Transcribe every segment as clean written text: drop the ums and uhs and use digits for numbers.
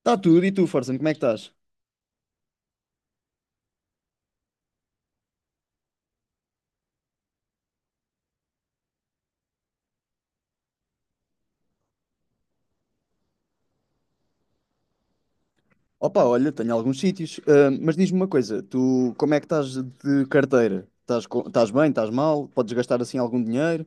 Está tudo, e tu, Forson, como é que estás? Opa, olha, tenho alguns sítios, mas diz-me uma coisa, tu como é que estás de carteira? Estás, estás bem, estás mal? Podes gastar assim algum dinheiro?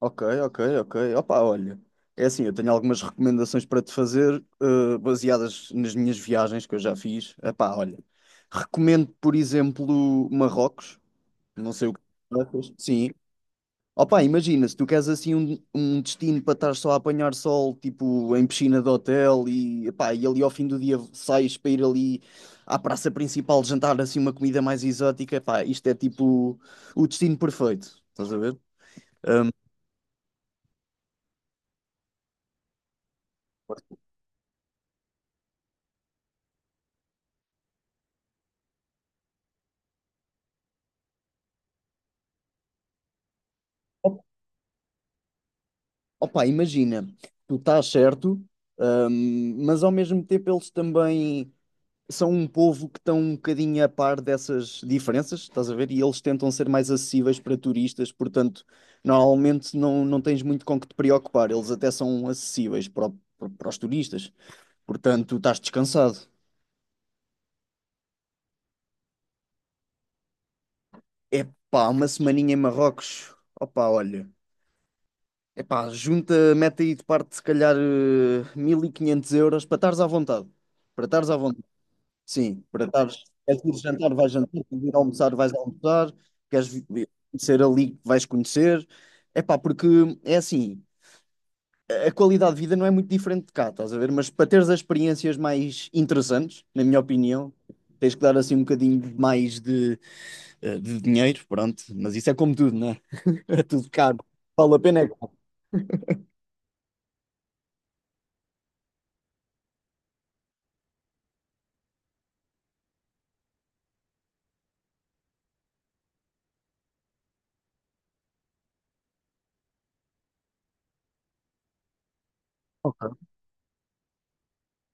Ok, ok, ok. Opa, olha, é assim, eu tenho algumas recomendações para te fazer, baseadas nas minhas viagens que eu já fiz. Epá, olha, recomendo, por exemplo, Marrocos, não sei o que tu achas. Sim, opa, imagina, se tu queres assim um destino para estar só a apanhar sol, tipo em piscina de hotel e, epá, e ali ao fim do dia sais para ir ali à praça principal jantar assim uma comida mais exótica, epá, isto é tipo o destino perfeito, estás a ver? Ahm, op- opá, imagina, tu estás certo, mas ao mesmo tempo eles também são um povo que estão um bocadinho a par dessas diferenças, estás a ver? E eles tentam ser mais acessíveis para turistas, portanto, normalmente não tens muito com que te preocupar, eles até são acessíveis para, para, para os turistas, portanto, estás descansado. Epá, uma semaninha em Marrocos, opá, olha, epá, junta, mete aí de parte se calhar 1500 euros para estares à vontade, para estares à vontade. Sim, para estares, queres ir jantar, vais jantar, queres ir almoçar, vais almoçar, queres conhecer ali, vais conhecer. É pá, porque é assim, a qualidade de vida não é muito diferente de cá, estás a ver? Mas para teres as experiências mais interessantes, na minha opinião, tens que dar assim um bocadinho mais de, de dinheiro, pronto. Mas isso é como tudo, não é? É tudo caro. Vale a pena é caro.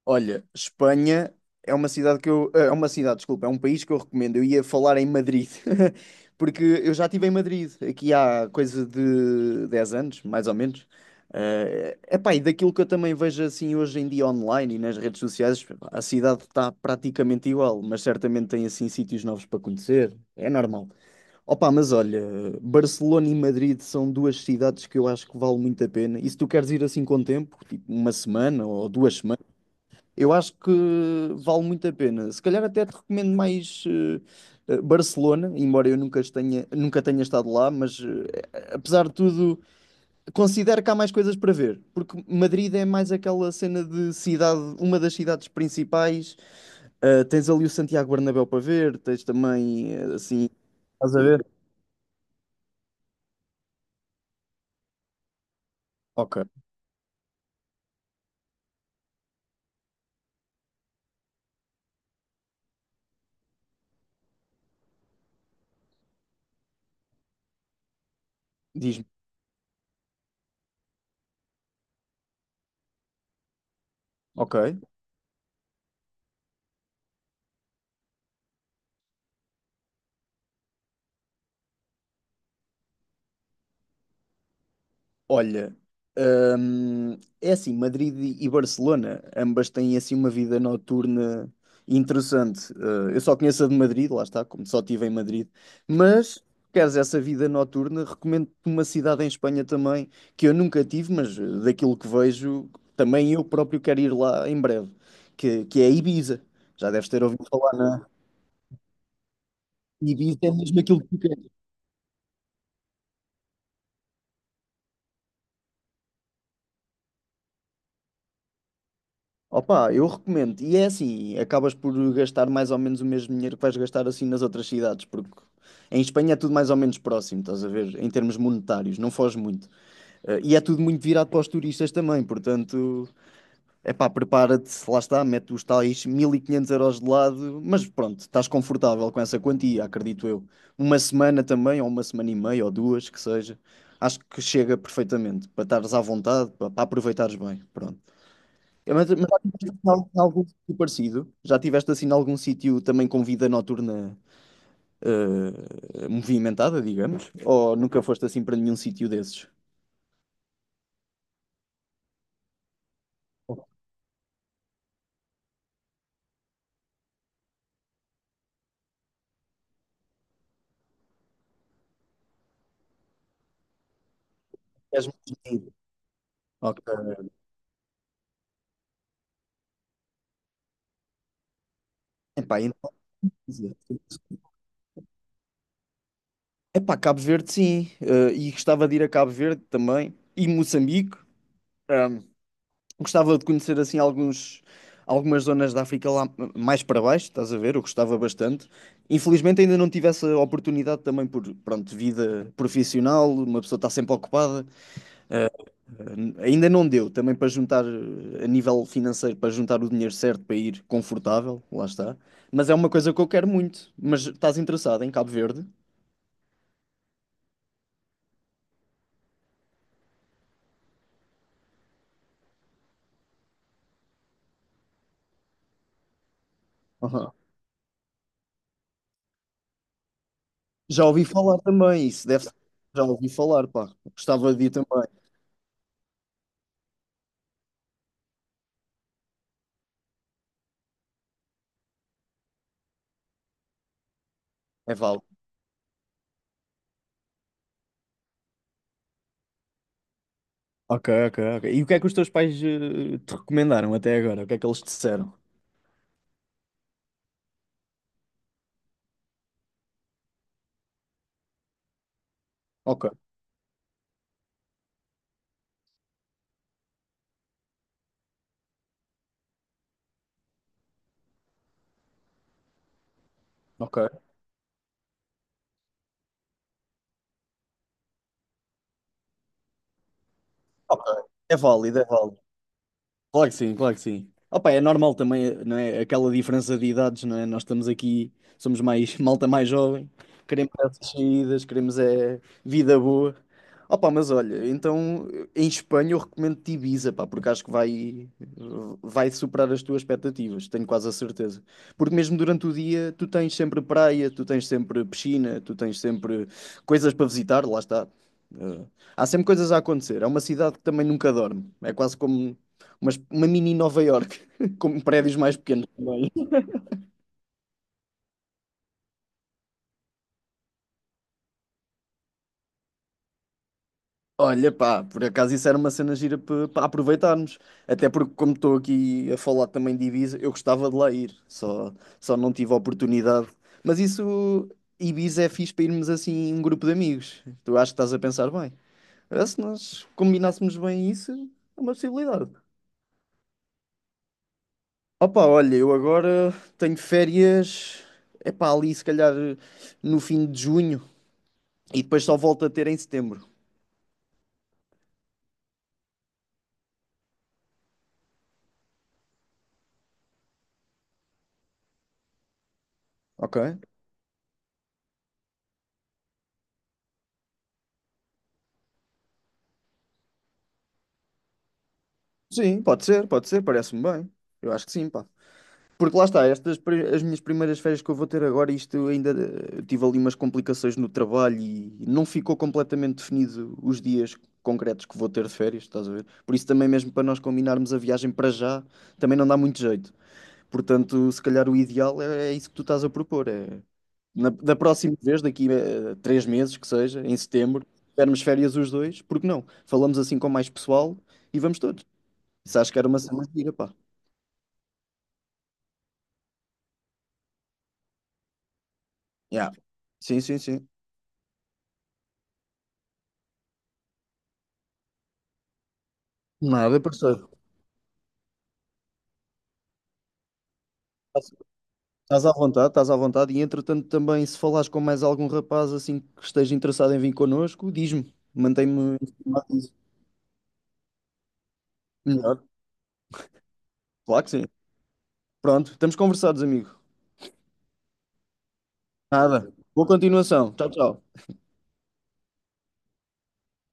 Olha, Espanha é uma cidade que eu, é uma cidade, desculpa, é um país que eu recomendo. Eu ia falar em Madrid, porque eu já estive em Madrid aqui há coisa de 10 anos, mais ou menos. É epá, e daquilo que eu também vejo assim hoje em dia online e nas redes sociais, a cidade está praticamente igual, mas certamente tem assim sítios novos para conhecer. É normal. Opa, mas olha, Barcelona e Madrid são duas cidades que eu acho que vale muito a pena. E se tu queres ir assim com tempo, tipo uma semana ou duas semanas, eu acho que vale muito a pena. Se calhar até te recomendo mais Barcelona, embora eu nunca tenha estado lá, mas apesar de tudo, considero que há mais coisas para ver, porque Madrid é mais aquela cena de cidade, uma das cidades principais. Tens ali o Santiago Bernabéu para ver, tens também assim, estás a ver? Ok, diz-me. Ok. Olha, é assim, Madrid e Barcelona, ambas têm assim uma vida noturna interessante. Eu só conheço a de Madrid, lá está, como só estive em Madrid. Mas, se queres essa vida noturna, recomendo-te uma cidade em Espanha também, que eu nunca tive, mas daquilo que vejo, também eu próprio quero ir lá em breve, que é Ibiza. Já deves ter ouvido falar na Ibiza, é mesmo aquilo que tu queres. Opa, eu recomendo. E é assim, acabas por gastar mais ou menos o mesmo dinheiro que vais gastar assim nas outras cidades, porque em Espanha é tudo mais ou menos próximo, estás a ver? Em termos monetários, não foge muito. E é tudo muito virado para os turistas também, portanto, é pá, prepara-te, lá está, mete os tais 1500 euros de lado, mas pronto, estás confortável com essa quantia, acredito eu. Uma semana também, ou uma semana e meia, ou duas, que seja. Acho que chega perfeitamente, para estares à vontade, para aproveitares bem, pronto. É, mas já tiveste assim em algum sítio parecido? Já tiveste assim em algum sítio também com vida noturna movimentada, digamos? Ou nunca foste assim para nenhum sítio desses? Ok. És muito tímido. Ok. Epá, então, quer dizer, epá, Cabo Verde sim. Eh, e gostava de ir a Cabo Verde também. E Moçambique. ehm, Gostava de conhecer assim alguns, algumas zonas da África lá mais para baixo, estás a ver? Eu gostava bastante. Infelizmente ainda não tive essa oportunidade também por, pronto, vida profissional, uma pessoa está sempre ocupada. Eh, Ainda não deu também para juntar, a nível financeiro, para juntar o dinheiro certo para ir confortável, lá está. Mas é uma coisa que eu quero muito. Mas estás interessado em Cabo Verde? Aham. Já ouvi falar também, isso deve ser. Já ouvi falar, pá. Gostava de ir também. É válido. Ok, ok, ok. E o que é que os teus pais te recomendaram até agora? O que é que eles te disseram? Ok, ok. Ok. É válido, é válido. Claro que sim, claro que sim. Opa, é normal também, não é? Aquela diferença de idades, não é? Nós estamos aqui, somos mais malta mais jovem, queremos essas saídas, queremos é vida boa. Opa, mas olha, então em Espanha eu recomendo-te Ibiza, pá, porque vai superar as tuas expectativas, tenho quase a certeza. Porque mesmo durante o dia tu tens sempre praia, tu tens sempre piscina, tu tens sempre coisas para visitar, lá está. Eh, Há sempre coisas a acontecer. É uma cidade que também nunca dorme. É quase como mas uma mini Nova York, com prédios mais pequenos também. Olha, pá, por acaso isso era uma cena gira para aproveitarmos. Até porque, como estou aqui a falar também de Ibiza, eu gostava de lá ir, só não tive a oportunidade. Mas isso, Ibiza é fixe para irmos assim, um grupo de amigos. Tu acho que estás a pensar bem. Se nós combinássemos bem isso, é uma possibilidade. Opa, olha, eu agora tenho férias, é pá, ali se calhar no fim de junho e depois só volto a ter em setembro. Ok. Sim, pode ser, parece-me bem. Eu acho que sim, pá. Porque lá está, as minhas primeiras férias que eu vou ter agora, isto ainda tive ali umas complicações no trabalho e não ficou completamente definido os dias concretos que vou ter de férias, estás a ver? Por isso também mesmo para nós combinarmos a viagem para já, também não dá muito jeito. Portanto, se calhar o ideal é, é isso que tu estás a propor, é da próxima vez, daqui a 3 meses que seja, em setembro, tivermos férias os dois, porque não? Falamos assim com mais pessoal e vamos todos. Isso acho que era uma cena gira, pá. Yeah. Sim, sim, sim. Nada, parceiro. Estás estás à vontade, estás à vontade. E entretanto, também, se falares com mais algum rapaz assim que esteja interessado em vir connosco, diz-me. Mantém-me informado disso. Melhor. Claro que sim. Pronto, estamos conversados, amigo. Nada. Boa continuação. Tchau, tchau.